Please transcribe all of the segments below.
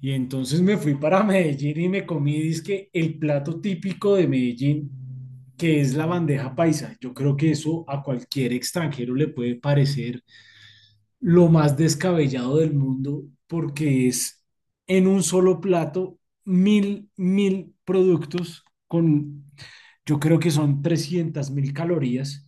Y entonces me fui para Medellín y me comí, dizque, el plato típico de Medellín, que es la bandeja paisa. Yo creo que eso a cualquier extranjero le puede parecer lo más descabellado del mundo porque es en un solo plato mil, mil productos con, yo creo que son 300.000 calorías,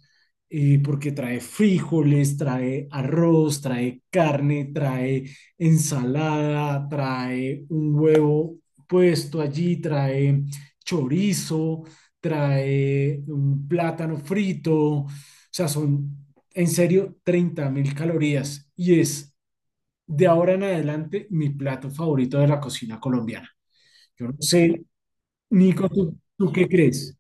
porque trae frijoles, trae arroz, trae carne, trae ensalada, trae un huevo puesto allí, trae chorizo, trae un plátano frito, o sea, son en serio, 30.000 calorías y es de ahora en adelante mi plato favorito de la cocina colombiana. Yo no sé, Nico, ¿tú qué crees?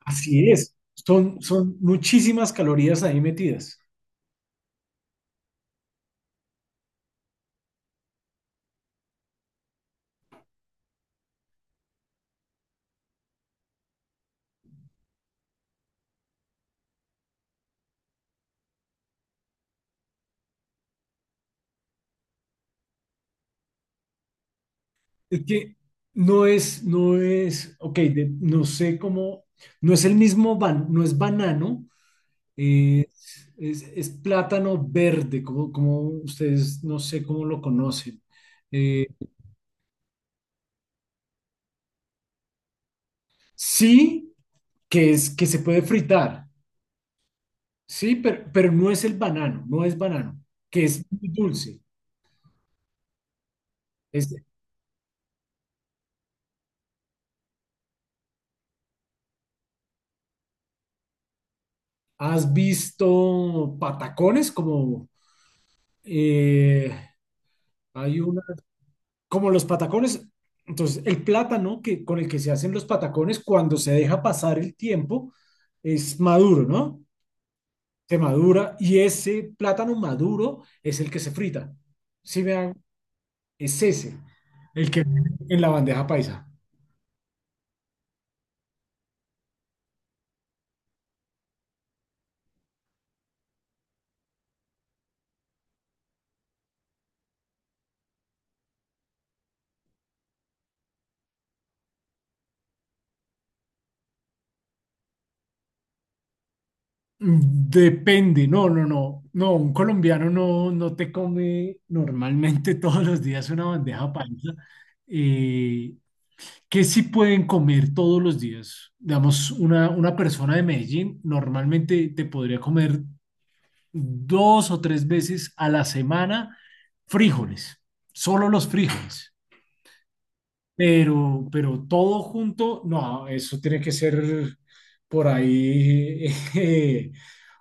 Así es, son muchísimas calorías ahí metidas. Es que ok, no sé cómo, no es el mismo, no es banano, es plátano verde, como ustedes, no sé cómo lo conocen. Eh, sí. Que es que se puede fritar, sí, pero no es el banano, no es banano, que es muy dulce. Es- ¿Has visto patacones como eh, hay una, como los patacones? Entonces, el plátano con el que se hacen los patacones, cuando se deja pasar el tiempo, es maduro, ¿no? Se madura, y ese plátano maduro es el que se frita. ¿Sí me hago? Es ese, el que en la bandeja paisa. Depende. No, no, no, no, un colombiano no, no te come normalmente todos los días una bandeja paisa. Eh, ¿Qué sí pueden comer todos los días? Digamos, una persona de Medellín normalmente te podría comer 2 o 3 veces a la semana frijoles, solo los frijoles, pero todo junto, no, eso tiene que ser por ahí. eh,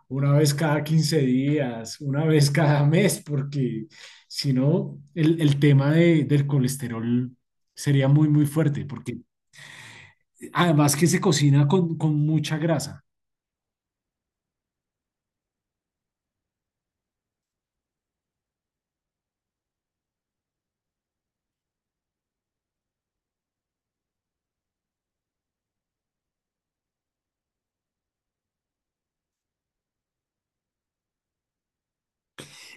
una vez cada 15 días, una vez cada mes, porque si no, el tema del colesterol sería muy, muy fuerte, porque además que se cocina con mucha grasa.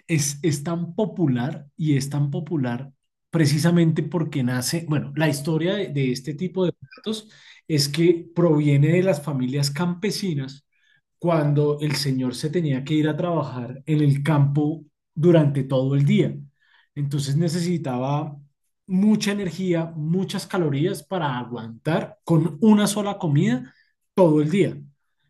Es tan popular, y es tan popular precisamente porque nace, bueno, la historia de este tipo de platos es que proviene de las familias campesinas cuando el señor se tenía que ir a trabajar en el campo durante todo el día. Entonces necesitaba mucha energía, muchas calorías para aguantar con una sola comida todo el día.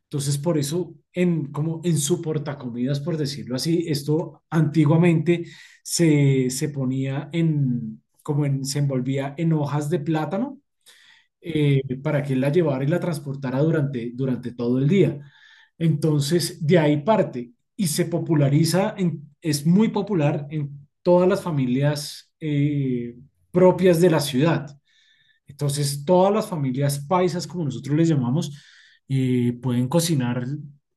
Entonces, por eso, como en su portacomidas, por decirlo así, esto antiguamente se ponía se envolvía en hojas de plátano, para que él la llevara y la transportara durante todo el día. Entonces, de ahí parte y se populariza, es muy popular en todas las familias, propias de la ciudad. Entonces, todas las familias paisas, como nosotros les llamamos, pueden cocinar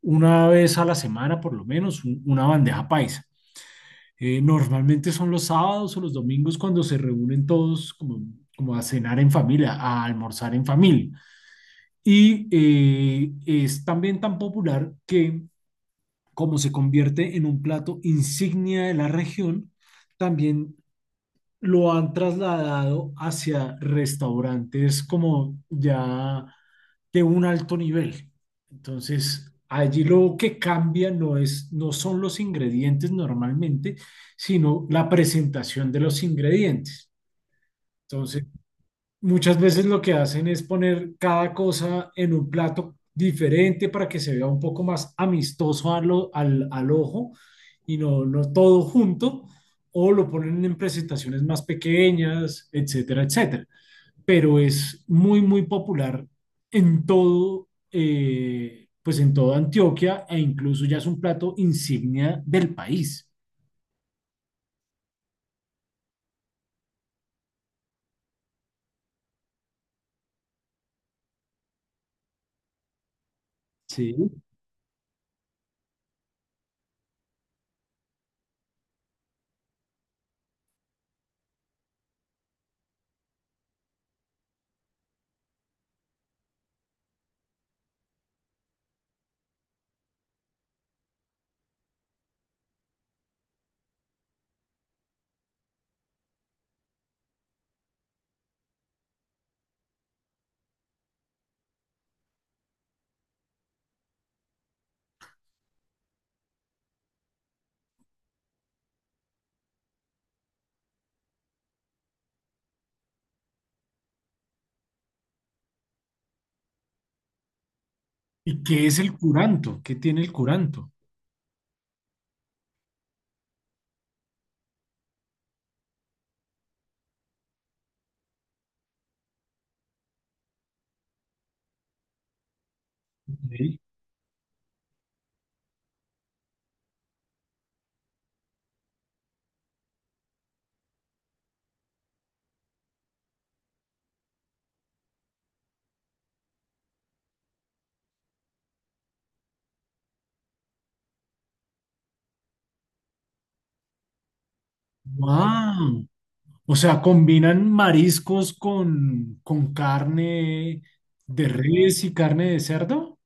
una vez a la semana, por lo menos, una bandeja paisa. Normalmente son los sábados o los domingos cuando se reúnen todos, como a cenar en familia, a almorzar en familia. Y es también tan popular que, como se convierte en un plato insignia de la región, también lo han trasladado hacia restaurantes como ya de un alto nivel. Entonces, allí lo que cambia no son los ingredientes normalmente, sino la presentación de los ingredientes. Entonces, muchas veces lo que hacen es poner cada cosa en un plato diferente para que se vea un poco más amistoso al ojo, y no, no todo junto, o lo ponen en presentaciones más pequeñas, etcétera, etcétera. Pero es muy, muy popular pues en toda Antioquia, e incluso ya es un plato insignia del país. Sí. ¿Y qué es el curanto? ¿Qué tiene el curanto? Ok. ¡Wow! O sea, combinan mariscos con carne de res y carne de cerdo.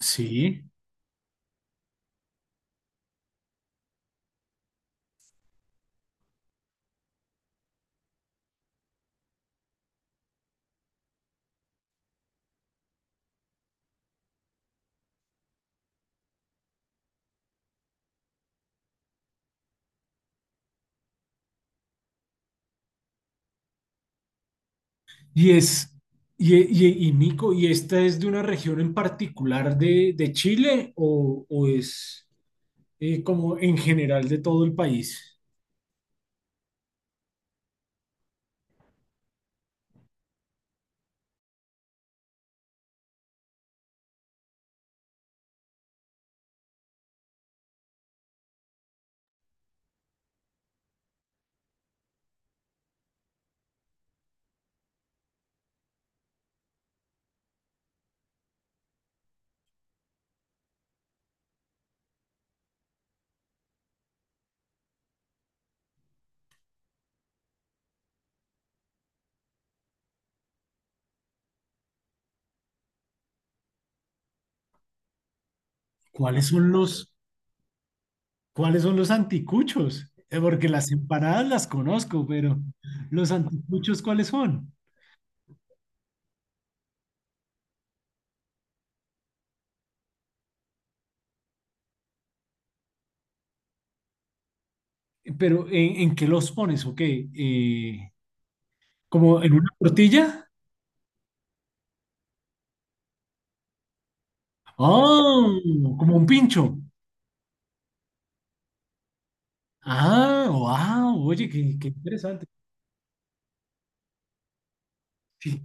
Sí. Y es, y Nico, ¿y esta es de una región en particular de Chile, o es como en general de todo el país? ¿Cuáles son los, Cuáles son los anticuchos? Porque las empanadas las conozco, pero los anticuchos, ¿cuáles son? Pero ¿en qué los pones? ¿O qué? ¿Como en una tortilla? Oh, como un pincho. Ah, wow, oye, qué interesante. Sí,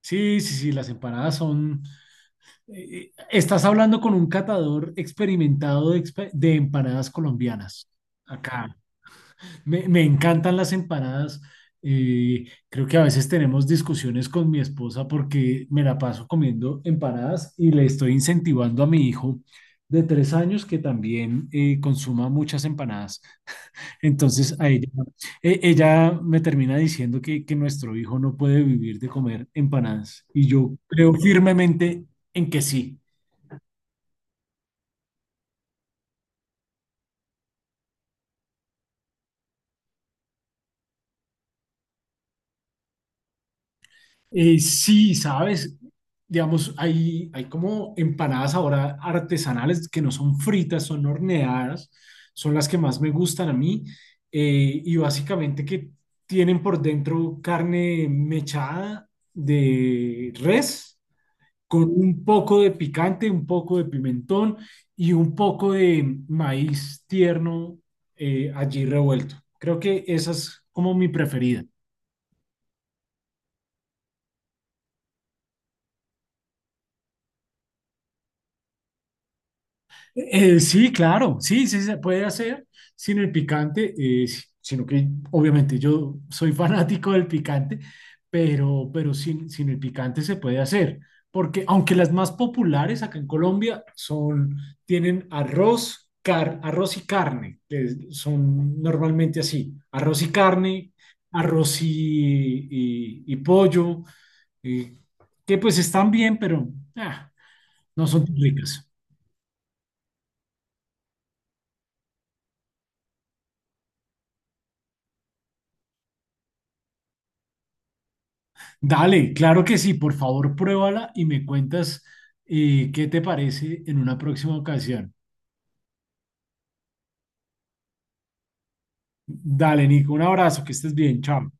sí, sí, sí, las empanadas son... Estás hablando con un catador experimentado de empanadas colombianas. Acá. Me encantan las empanadas. Creo que a veces tenemos discusiones con mi esposa porque me la paso comiendo empanadas y le estoy incentivando a mi hijo de 3 años que también consuma muchas empanadas. Entonces, a ella, ella me termina diciendo que nuestro hijo no puede vivir de comer empanadas. Y yo creo firmemente en que sí. Sí, sabes, digamos, hay como empanadas ahora artesanales que no son fritas, son horneadas, son las que más me gustan a mí. Y básicamente que tienen por dentro carne mechada de res con un poco de picante, un poco de pimentón, y un poco de maíz tierno allí revuelto. Creo que esa es como mi preferida. Sí, claro, sí, sí se puede hacer sin el picante, sino que obviamente yo soy fanático del picante, pero, pero sin el picante se puede hacer, porque aunque las más populares acá en Colombia tienen arroz, arroz y carne, son normalmente así, arroz y carne, arroz y pollo, eh, que pues están bien, pero ah, no son tan ricas. Dale, claro que sí, por favor, pruébala y me cuentas, qué te parece en una próxima ocasión. Dale, Nico, un abrazo, que estés bien, chao.